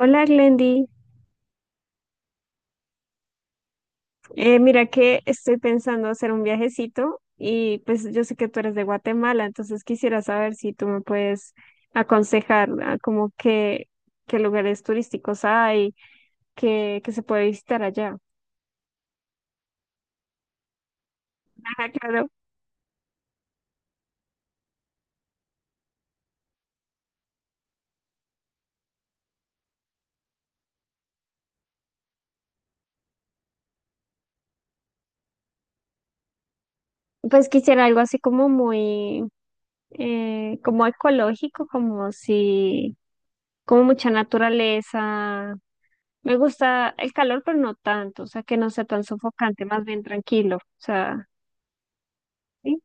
Hola Glendy. Mira que estoy pensando hacer un viajecito y pues yo sé que tú eres de Guatemala, entonces quisiera saber si tú me puedes aconsejar, como que qué lugares turísticos hay, que se puede visitar allá. Ajá, claro. Pues quisiera algo así como muy, como ecológico, como si, como mucha naturaleza. Me gusta el calor, pero no tanto, o sea, que no sea tan sofocante, más bien tranquilo, o sea, ¿sí?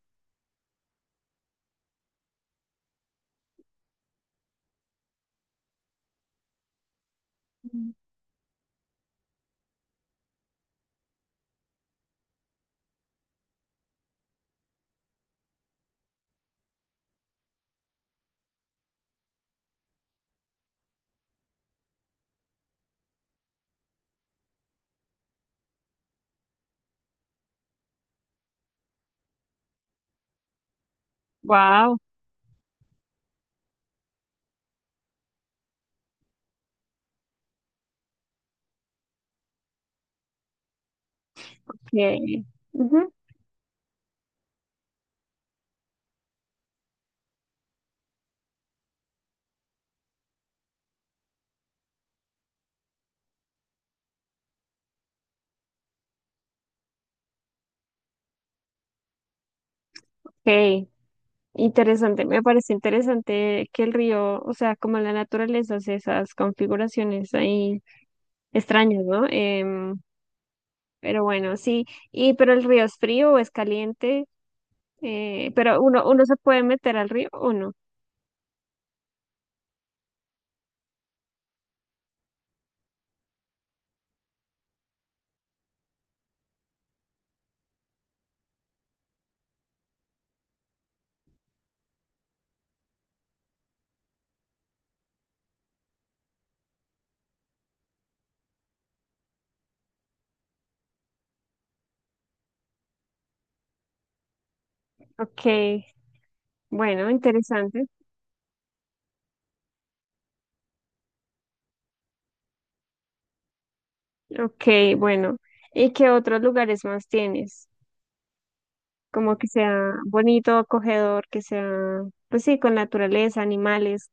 Wow, qué, ujú, qué interesante. Me parece interesante que el río, o sea, como la naturaleza hace esas configuraciones ahí extrañas, ¿no? Pero bueno, sí. Y pero el río es frío o es caliente, pero uno se puede meter al río o no. Okay, bueno, interesante. Okay, bueno. ¿Y qué otros lugares más tienes? Como que sea bonito, acogedor, que sea, pues sí, con naturaleza, animales.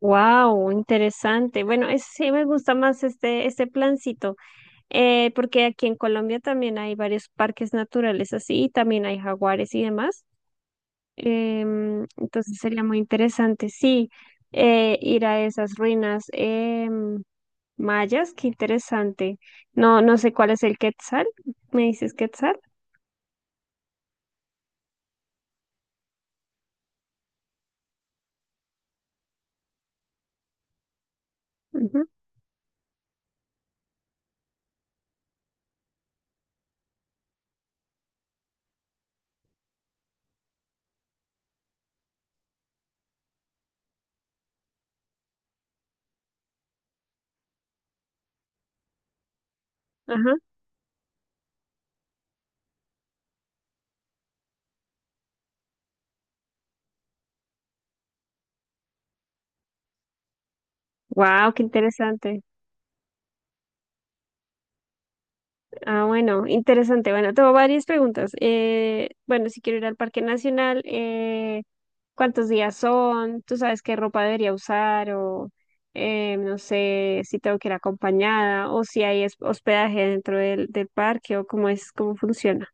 Wow, interesante. Bueno, sí me gusta más este plancito, porque aquí en Colombia también hay varios parques naturales así, y también hay jaguares y demás. Entonces sería muy interesante, sí, ir a esas ruinas, em, mayas, qué interesante. No, no sé cuál es el Quetzal, ¿me dices Quetzal? Ujú. Ajá. Wow, qué interesante. Ah, bueno, interesante. Bueno, tengo varias preguntas. Bueno, si quiero ir al Parque Nacional, ¿cuántos días son? ¿Tú sabes qué ropa debería usar? O no sé si tengo que ir acompañada o si hay hospedaje dentro del parque o cómo es, cómo funciona.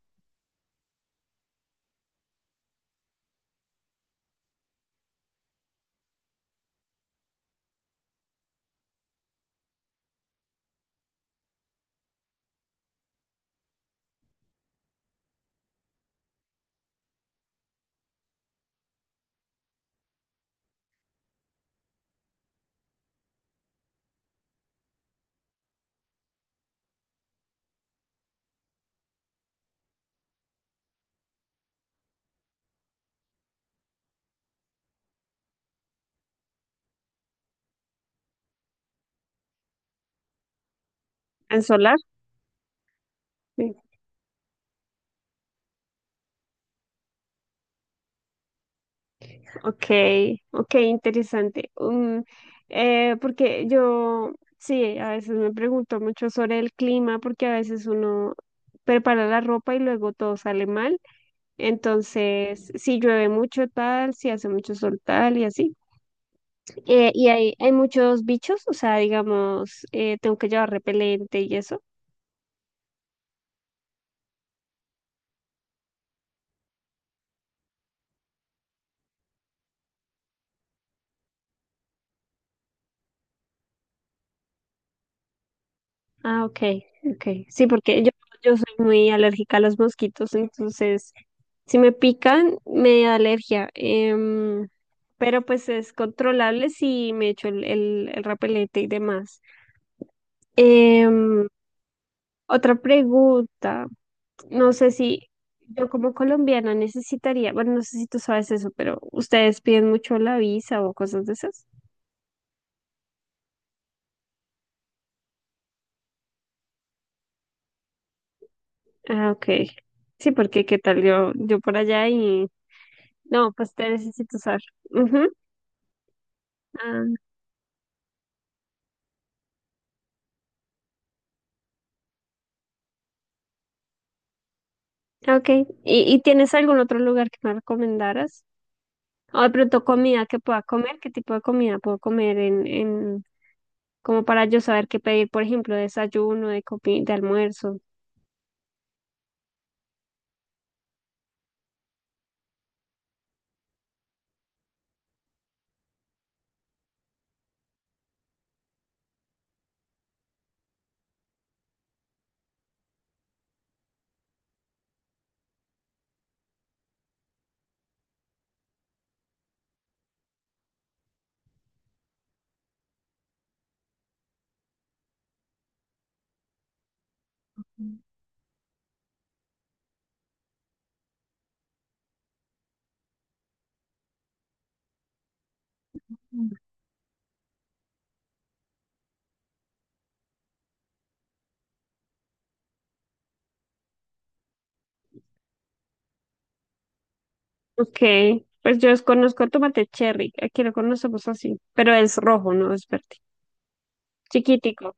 ¿En solar? Sí. Ok, ok, interesante. Porque yo, sí, a veces me pregunto mucho sobre el clima porque a veces uno prepara la ropa y luego todo sale mal. Entonces, si llueve mucho tal, si hace mucho sol tal y así. Y hay muchos bichos, o sea, digamos, tengo que llevar repelente y eso. Ah, ok, ok. Sí, yo soy muy alérgica a los mosquitos, entonces, si me pican, me da alergia. Em, pero pues es controlable si me echo el repelente y demás. Em. Otra pregunta, no sé si yo como colombiana necesitaría, bueno, no sé si tú sabes eso, pero ¿ustedes piden mucho la visa o cosas de esas? Ah, ok. Sí, porque qué tal yo por allá y... No, pues te necesito usar. Ujú. Ah, ok. Y tienes algún otro lugar que me recomendaras? O de pronto comida que pueda comer, ¿qué tipo de comida puedo comer como para yo saber qué pedir, por ejemplo, desayuno, de almuerzo? Ok, pues yo conozco tomate cherry, aquí lo conocemos así, pero es rojo, no es verde. Chiquitico.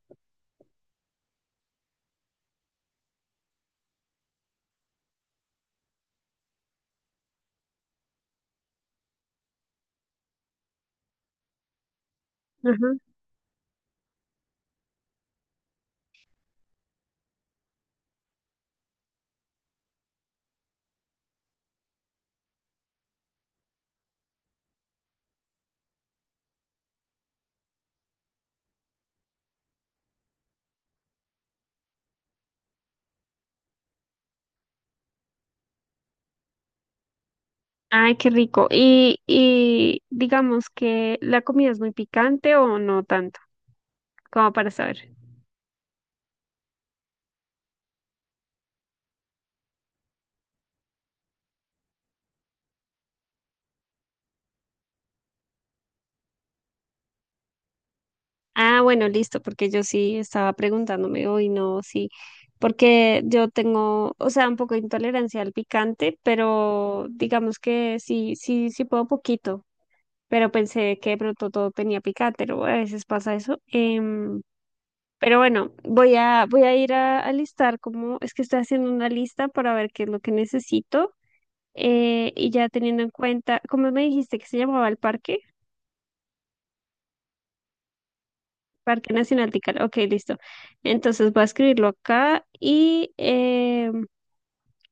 Ajá. Ay, qué rico. Y digamos que la comida es muy picante o no tanto, como para saber. Ah, bueno, listo, porque yo sí estaba preguntándome hoy, no, sí, porque yo tengo, o sea, un poco de intolerancia al picante, pero digamos que sí, sí, sí puedo poquito. Pero pensé que de pronto todo tenía picante, ¿no? A veces pasa eso. Em, pero bueno, voy a ir a listar como es que estoy haciendo una lista para ver qué es lo que necesito. Eh, y ya teniendo en cuenta, ¿cómo me dijiste que se llamaba el parque? Parque Nacional Tical. Ok, listo. Entonces voy a escribirlo acá y em,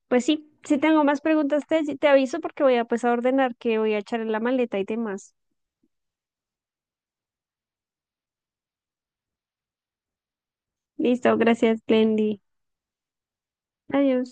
pues sí, si tengo más preguntas te aviso porque voy a pues a ordenar que voy a echar en la maleta y demás. Listo, gracias, Glendy. Adiós.